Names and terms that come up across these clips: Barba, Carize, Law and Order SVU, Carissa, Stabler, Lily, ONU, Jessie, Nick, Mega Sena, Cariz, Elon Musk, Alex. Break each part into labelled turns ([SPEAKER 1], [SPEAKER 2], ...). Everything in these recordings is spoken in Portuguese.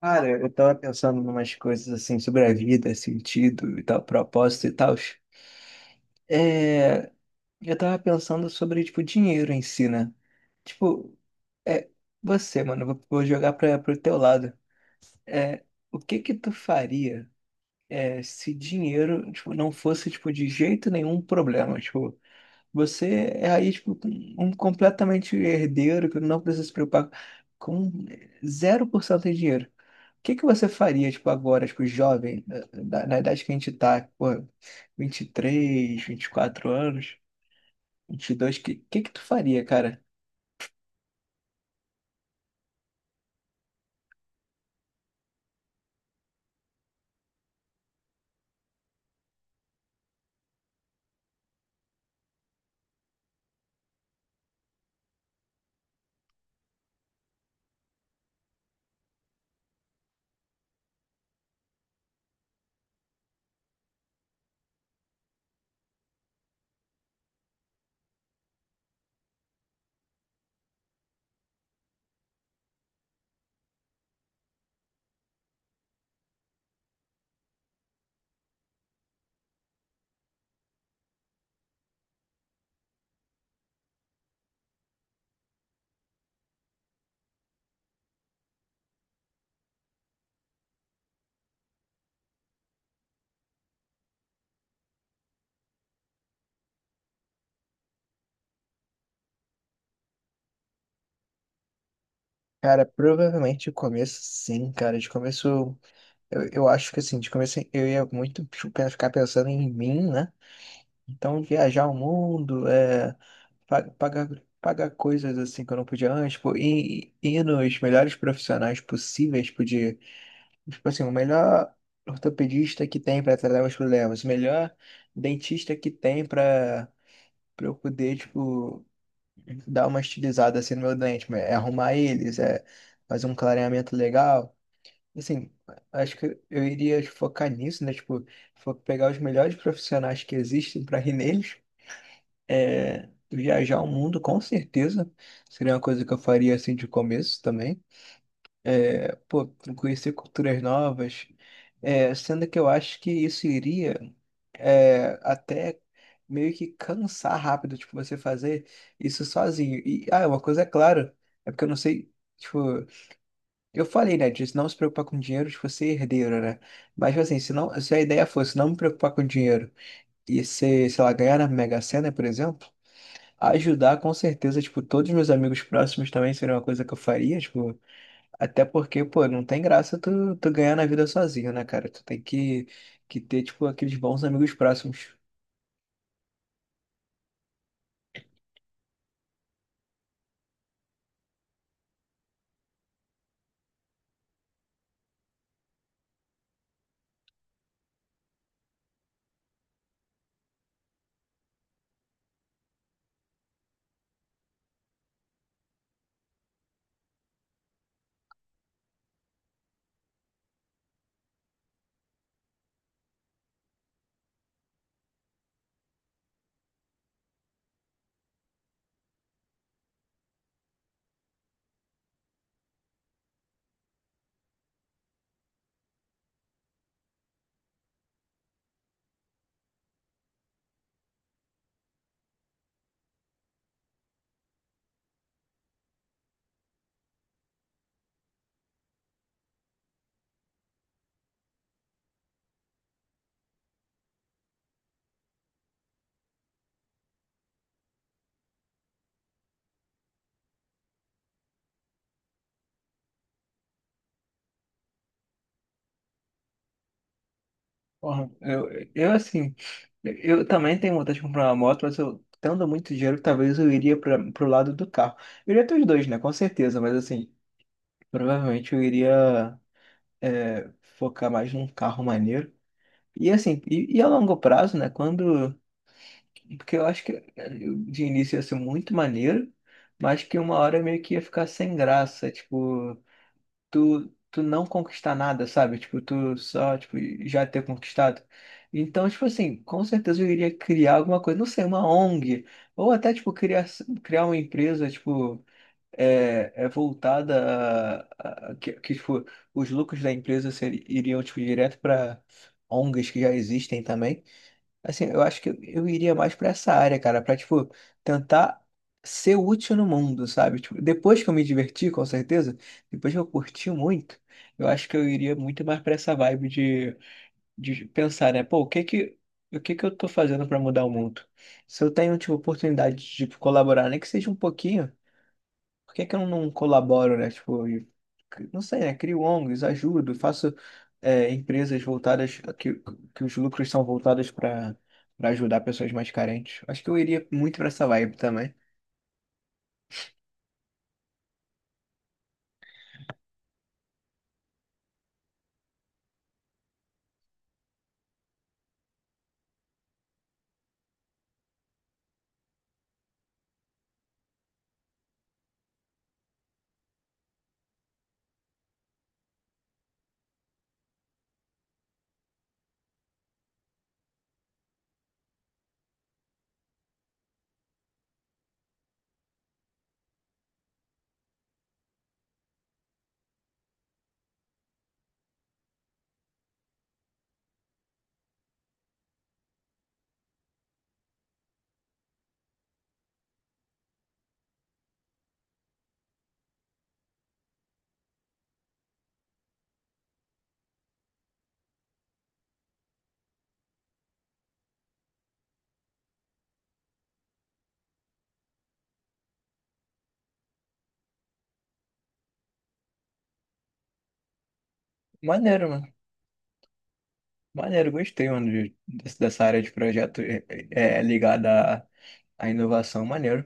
[SPEAKER 1] Cara, eu tava pensando em umas coisas assim sobre a vida, sentido e tal, propósito e tal. É, eu tava pensando sobre, tipo, dinheiro em si, né? Tipo, é, você, mano, eu vou jogar pro teu lado. É, o que que tu faria se dinheiro, tipo, não fosse, tipo, de jeito nenhum um problema? Tipo, você é aí, tipo, um completamente herdeiro que não precisa se preocupar com zero por cento de dinheiro. O que que você faria, tipo, agora, tipo, jovem, na idade que a gente tá, pô, 23, 24 anos, 22 que que tu faria, cara? Cara, provavelmente de começo, sim, cara. De começo, eu acho que assim, de começo eu ia muito tipo, ficar pensando em mim, né? Então, viajar o mundo, pagar, pagar coisas assim que eu não podia antes, tipo, ir nos melhores profissionais possíveis, podia, tipo assim, o melhor ortopedista que tem para tratar meus problemas, o melhor dentista que tem para eu poder, tipo, dar uma estilizada assim no meu dente, arrumar eles, fazer um clareamento legal. Assim, acho que eu iria focar nisso, né? Tipo, pegar os melhores profissionais que existem para ir neles, viajar o mundo, com certeza, seria uma coisa que eu faria assim de começo também. É, pô, conhecer culturas novas. É, sendo que eu acho que isso iria até meio que cansar rápido, tipo, você fazer isso sozinho. E, ah, uma coisa é clara, é porque eu não sei, tipo, eu falei, né, de não se preocupar com dinheiro, de você ser herdeiro, né? Mas, tipo assim, se a ideia fosse não me preocupar com dinheiro e ser, sei lá, ganhar na Mega Sena, por exemplo. Ajudar, com certeza, tipo, todos os meus amigos próximos também seria uma coisa que eu faria, tipo, até porque, pô, não tem graça tu ganhar na vida sozinho, né, cara? Que ter, tipo, aqueles bons amigos próximos. Porra, eu assim, eu também tenho vontade de comprar uma moto, mas eu, tendo muito dinheiro, talvez eu iria pro lado do carro. Eu iria ter os dois, né, com certeza, mas assim, provavelmente eu iria, é, focar mais num carro maneiro. E assim, e a longo prazo, né, quando... Porque eu acho que de início ia ser muito maneiro, mas que uma hora meio que ia ficar sem graça, tipo, tu não conquistar nada, sabe? Tipo, tu só, tipo, já ter conquistado. Então, tipo assim, com certeza eu iria criar alguma coisa, não sei, uma ONG, ou até, tipo, criar uma empresa, tipo, é voltada que, tipo, os lucros da empresa iriam, tipo, direto para ONGs que já existem também. Assim, eu acho que eu iria mais pra essa área, cara, pra, tipo, tentar ser útil no mundo, sabe? Tipo, depois que eu me diverti, com certeza, depois que eu curti muito, eu acho que eu iria muito mais pra essa vibe de pensar, né? Pô, o que que eu tô fazendo pra mudar o mundo? Se eu tenho, tipo, oportunidade de, tipo, colaborar, nem que seja um pouquinho. Por que que eu não colaboro, né? Tipo, não sei, né? Crio ONGs, ajudo, faço empresas voltadas, que os lucros são voltados para ajudar pessoas mais carentes. Acho que eu iria muito para essa vibe também. Maneiro, mano. Maneiro, gostei, mano, dessa área de projeto, é ligada à inovação. Maneiro.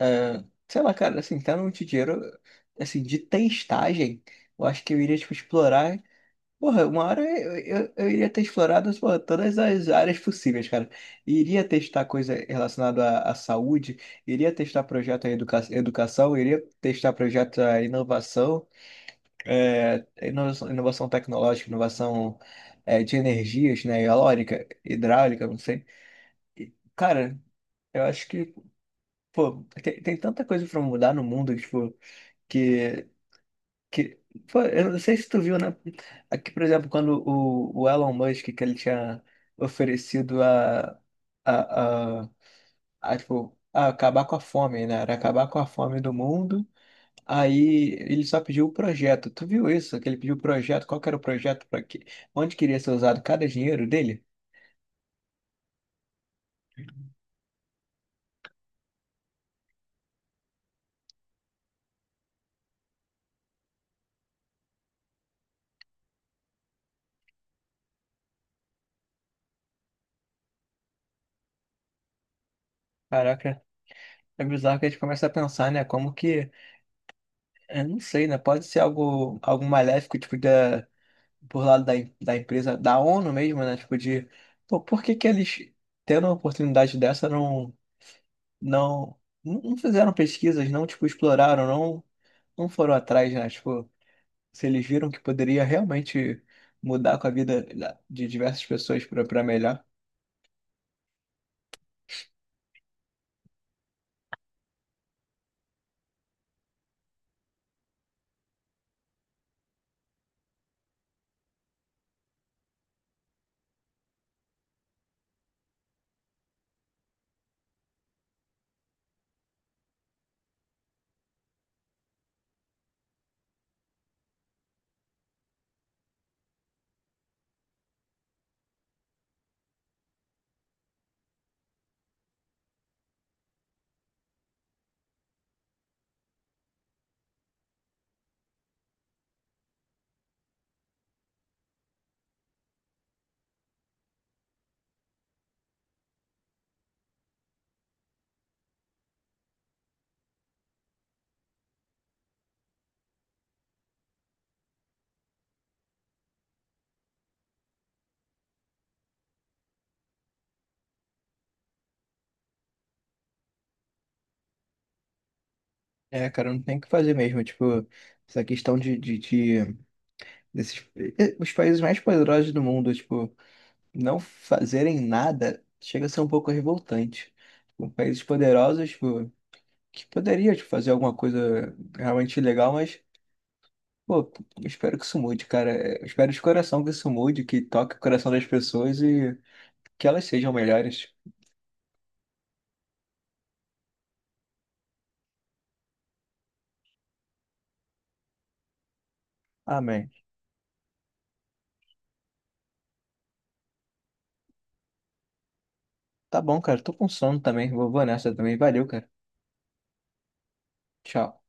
[SPEAKER 1] É, sei lá, cara, assim, tendo muito dinheiro, assim, de testagem, eu acho que eu iria, tipo, explorar. Porra, uma hora eu iria ter explorado, porra, todas as áreas possíveis, cara. Iria testar coisa relacionada à saúde, iria testar projeto à educação, iria testar projeto à inovação, inovação, inovação tecnológica, inovação de energias, né? Eólica, hidráulica, não sei. E, cara, eu acho que, pô, tem tanta coisa pra mudar no mundo, tipo, que que, pô, eu não sei se tu viu, né? Aqui, por exemplo, quando o Elon Musk, que ele tinha oferecido a, a, tipo, a acabar com a fome, né? Era acabar com a fome do mundo. Aí ele só pediu o projeto. Tu viu isso? Que ele pediu o projeto. Qual que era o projeto? Para que, onde queria ser usado cada dinheiro dele? Caraca, é bizarro que a gente começa a pensar, né? Como que... Eu não sei, né? Pode ser algo, algo maléfico, tipo, da por lado da, da empresa, da ONU mesmo, né? Tipo, de pô, por que que eles, tendo uma oportunidade dessa, não fizeram pesquisas, não, tipo, exploraram, não, não foram atrás, né? Tipo, se eles viram que poderia realmente mudar com a vida de diversas pessoas pra melhor. É, cara, não tem o que fazer mesmo, tipo, essa questão de desses, os países mais poderosos do mundo, tipo, não fazerem nada chega a ser um pouco revoltante. Tipo, países poderosos, tipo, que poderia te fazer alguma coisa realmente legal, mas, pô, eu espero que isso mude, cara. É, eu espero de coração que isso mude, que toque o coração das pessoas e que elas sejam melhores. Amém. Tá bom, cara. Tô com sono também. Vou nessa também. Valeu, cara. Tchau.